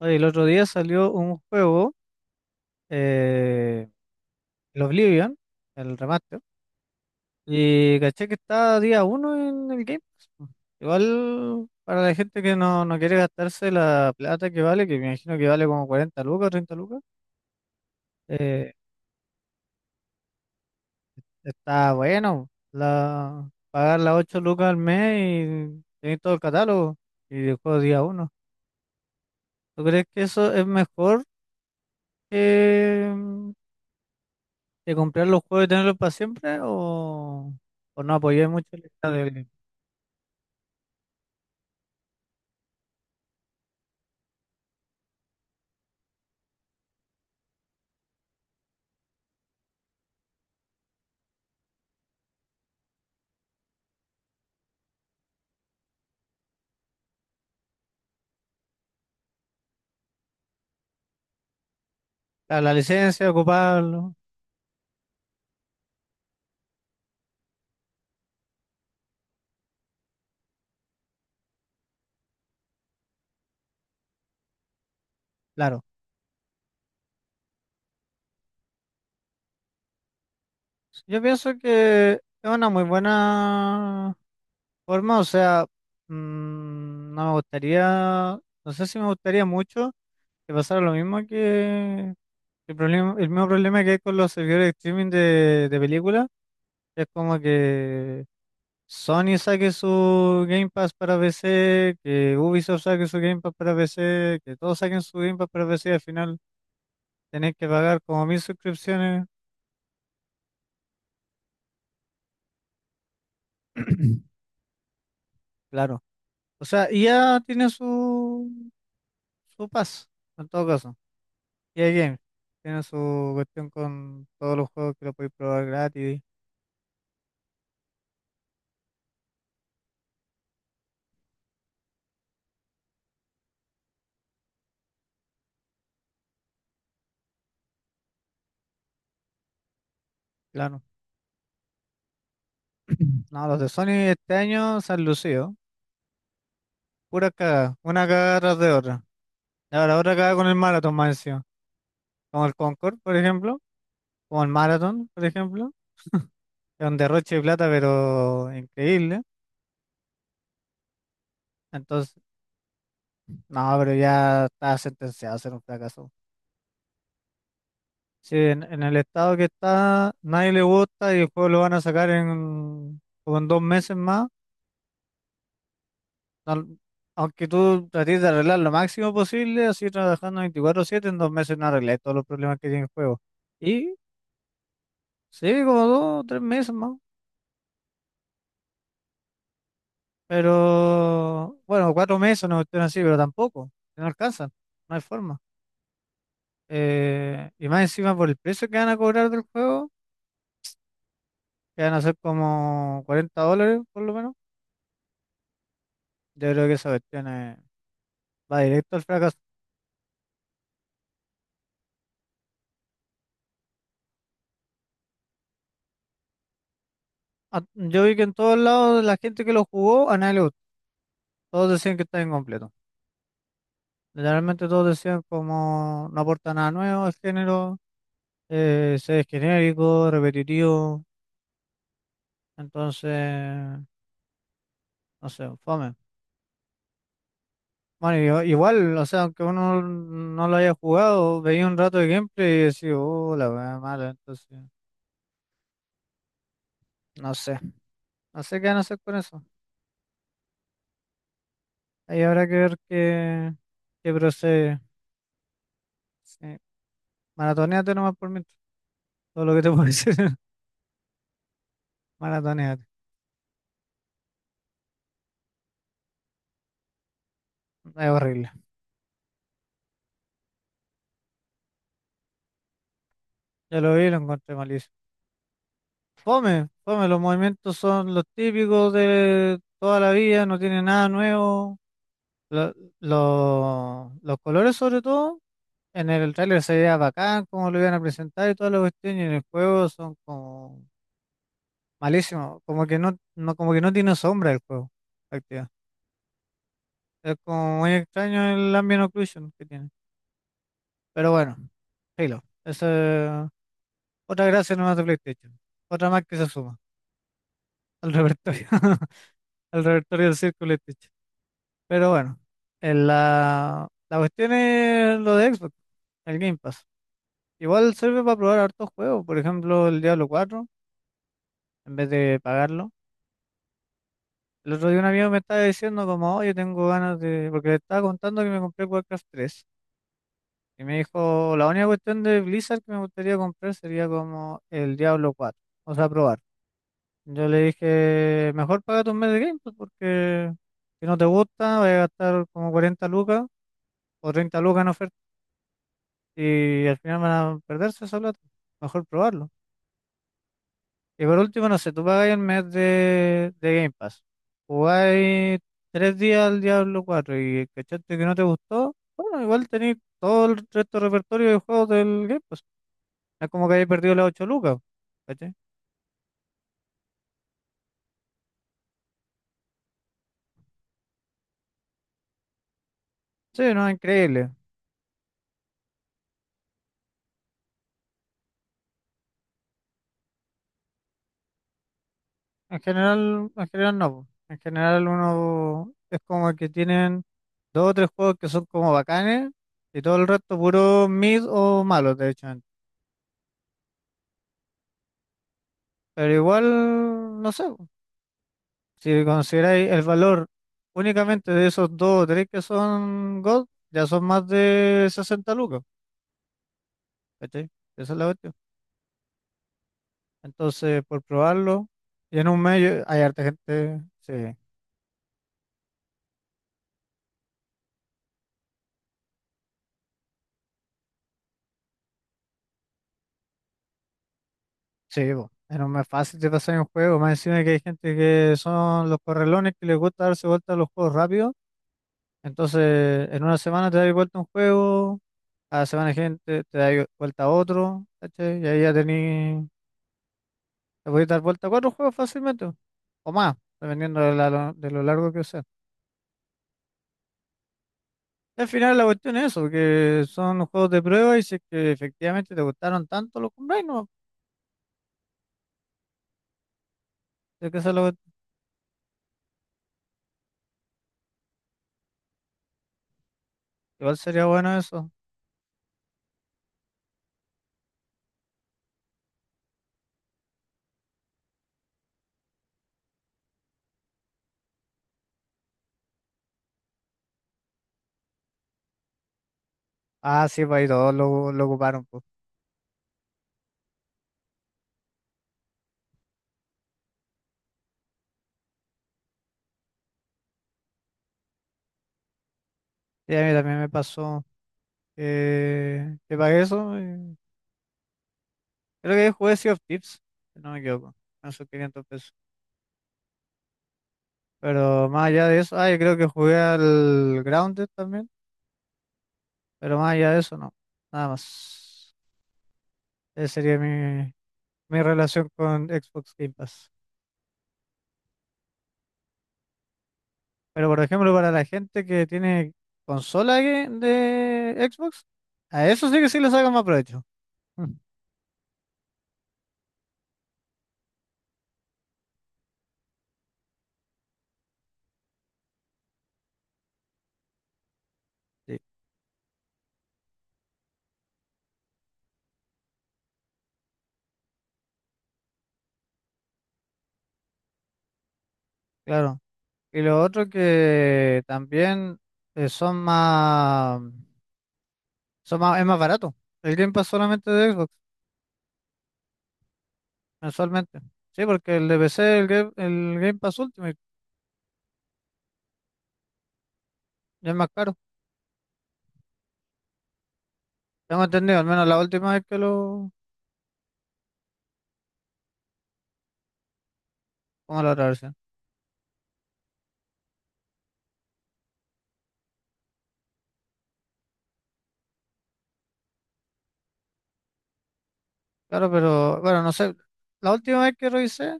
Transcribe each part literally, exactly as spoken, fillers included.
Oye, el otro día salió un juego, eh, el Oblivion, el remaster, y caché que está día uno en el Game Pass. Po. Igual para la gente que no, no quiere gastarse la plata que vale, que me imagino que vale como cuarenta lucas o treinta lucas, eh, está bueno la, pagar las ocho lucas al mes y tener todo el catálogo y el juego día uno. ¿Tú crees que eso es mejor que, de comprar los juegos y tenerlos para siempre, o, o no apoyé mucho el estado de- la, la licencia, ocuparlo? Claro, yo pienso que es una muy buena forma, o sea, mm, no me gustaría, no sé si me gustaría mucho que pasara lo mismo que el problema, el mismo problema que hay con los servidores de streaming de, de películas. Es como que Sony saque su Game Pass para P C, que Ubisoft saque su Game Pass para P C, que todos saquen su Game Pass para P C. Al final tenés que pagar como mil suscripciones. Claro. O sea, ya tiene su, su pass, en todo caso. E A Games tiene su cuestión con todos los juegos que lo podéis probar gratis. Claro. No, los de Sony este año se han lucido. Pura cagada, una cagada tras de otra. Y ahora otra cagada con el Marathon más encima. Como el Concord, por ejemplo. Como el Marathon, por ejemplo, es un derroche de plata, pero increíble. Entonces, no, pero ya está sentenciado a ser un fracaso. Si en, en el estado que está, nadie le gusta y el juego lo van a sacar en, como en dos meses más. no- Aunque tú trates de arreglar lo máximo posible, así trabajando veinticuatro siete, en dos meses no arreglas todos los problemas que tiene el juego. Y sí, como dos tres meses más, pero bueno, cuatro meses, no cuestión así, pero tampoco, no alcanzan, no hay forma. Eh, y más encima por el precio que van a cobrar del juego, que van a ser como cuarenta dólares por lo menos, yo creo que esa cuestión eh, va directo al fracaso. A- Yo vi que en todos lados la gente que lo jugó, a nadie le gustó. Todos decían que está incompleto. Literalmente todos decían como no aporta nada nuevo al género, eh, se es genérico, repetitivo. Entonces, no sé, fome. Bueno, i- igual, o sea, aunque uno no lo haya jugado, veía un rato de gameplay y decía, oh, la weá mala, entonces. No sé, no sé qué van a hacer con eso. Ahí habrá que ver qué, qué procede. Sí. Maratoneate nomás por mientras. Todo lo que te puedo decir. Maratoneate. Es horrible. Ya lo vi, lo encontré malísimo. Fome, fome. Los movimientos son los típicos de toda la vida, no tiene nada nuevo. Lo- lo- los colores, sobre todo, en el tráiler se veía bacán, como lo iban a presentar y todas las cuestiones. Y en el juego son como malísimos. Como que no, no, como que no tiene sombra el juego. Es como muy extraño el ambient occlusion que tiene. Pero bueno, Halo esa es otra gracia nomás de PlayStation. Otra más que se suma al repertorio, al repertorio del círculo PlayStation. Pero bueno, en la, la cuestión es lo de Xbox, el Game Pass. Igual sirve para probar hartos juegos. Por ejemplo, el Diablo cuatro en vez de pagarlo. El otro día un amigo me estaba diciendo como, oye, tengo ganas de... Porque le estaba contando que me compré Warcraft tres. Y me dijo, la única cuestión de Blizzard que me gustaría comprar sería como el Diablo cuatro, o sea, probar. Yo le dije, mejor paga un mes de Game Pass porque si no te gusta, vas a gastar como cuarenta lucas o treinta lucas en oferta y al final van a perderse esa plata. Mejor probarlo. Y por último, no sé, tú pagas el mes de, de Game Pass, jugáis tres días al Diablo cuatro y cachaste que no te gustó, bueno, igual tenéis todo el resto del repertorio de juegos del Game Pass. No es como que haya perdido las ocho lucas, ¿cachai? Sí, no, es increíble. En general, en general no. po. En general uno es como que tienen dos o tres juegos que son como bacanes y todo el resto puro mid o malos, de hecho. Pero igual, no sé, po. Si consideráis el valor únicamente de esos dos o tres que son God, ya son más de sesenta lucas, ¿cachai? Esa es la cuestión. Entonces, por probarlo, y en un medio hay harta gente, sí. Sí, po, era más fácil de pasar en un juego, más encima que hay gente que son los correlones que les gusta darse vuelta a los juegos rápido, entonces en una semana te das vuelta a un juego, a la semana gente te da vuelta a otro, ¿cachai? Y ahí ya tení, te podés dar vuelta a cuatro juegos fácilmente, o más, dependiendo de, la lo, de lo largo que sea. Y al final la cuestión es eso, que son juegos de prueba y si es que efectivamente te gustaron tanto los compráis, no, es que esa es la cuestión. Igual sería bueno eso. Ah, sí, pues ahí todos lo, lo ocuparon, pues. Y a mí también me pasó. Eh, que pagué eso. Eh, creo que jugué Sea of Tips, si no me equivoco, con sus quinientos pesos. Pero más allá de eso, ah, yo creo que jugué al Grounded también, pero más allá de eso, no. Nada más. Esa sería mi, mi relación con Xbox Game Pass. Pero por ejemplo, para la gente que tiene consola que- de Xbox, a eso sí que sí le sacan más provecho. Mm. Sí, claro. Y lo otro que también eh, son más. Son más- es más barato. El Game Pass solamente de Xbox, mensualmente. Sí, porque el de P C, el Game, el Game Pass Ultimate, ya es más caro. Tengo entendido, al menos la última vez que lo... ¿Como la otra versión? Claro, pero bueno, no sé. La última vez que revisé,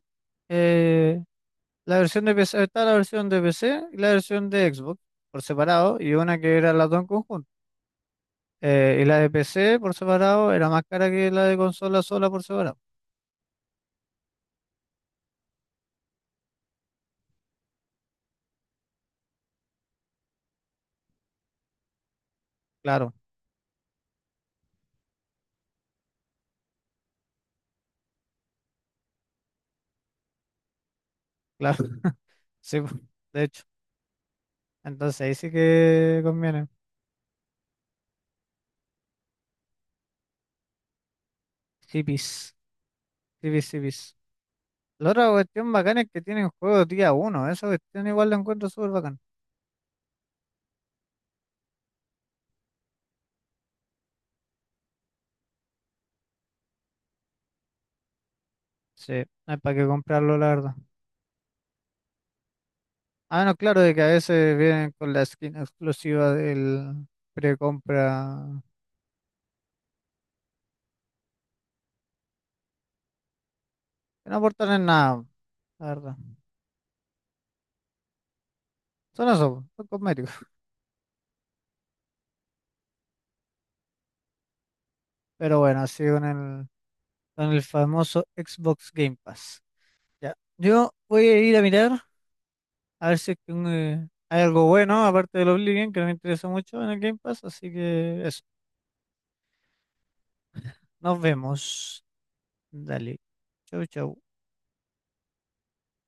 eh, la versión de P C, está la versión de P C y la versión de Xbox por separado, y una que era las dos en conjunto. Eh, y la de P C por separado era más cara que la de consola sola por separado. Claro, claro. Sí, po, de hecho. Entonces ahí sí que conviene. Hippies. Sí, vis, sí. La otra cuestión bacana es que tienen juegos día uno. Esa cuestión igual la encuentro súper bacana. Sí, no hay para qué comprarlo, la verdad. Ah, no, claro, de que a veces vienen con la skin exclusiva del precompra. Que no aportan en nada, la verdad. Son eso, po, son cosméticos. Pero bueno, así con el, con el famoso Xbox Game Pass. Ya. Yo voy a ir a mirar a ver si es que, eh, hay algo bueno, aparte del Oblivion, que no me interesa mucho en el Game Pass. Así que eso, nos vemos. Dale. Chau, chau.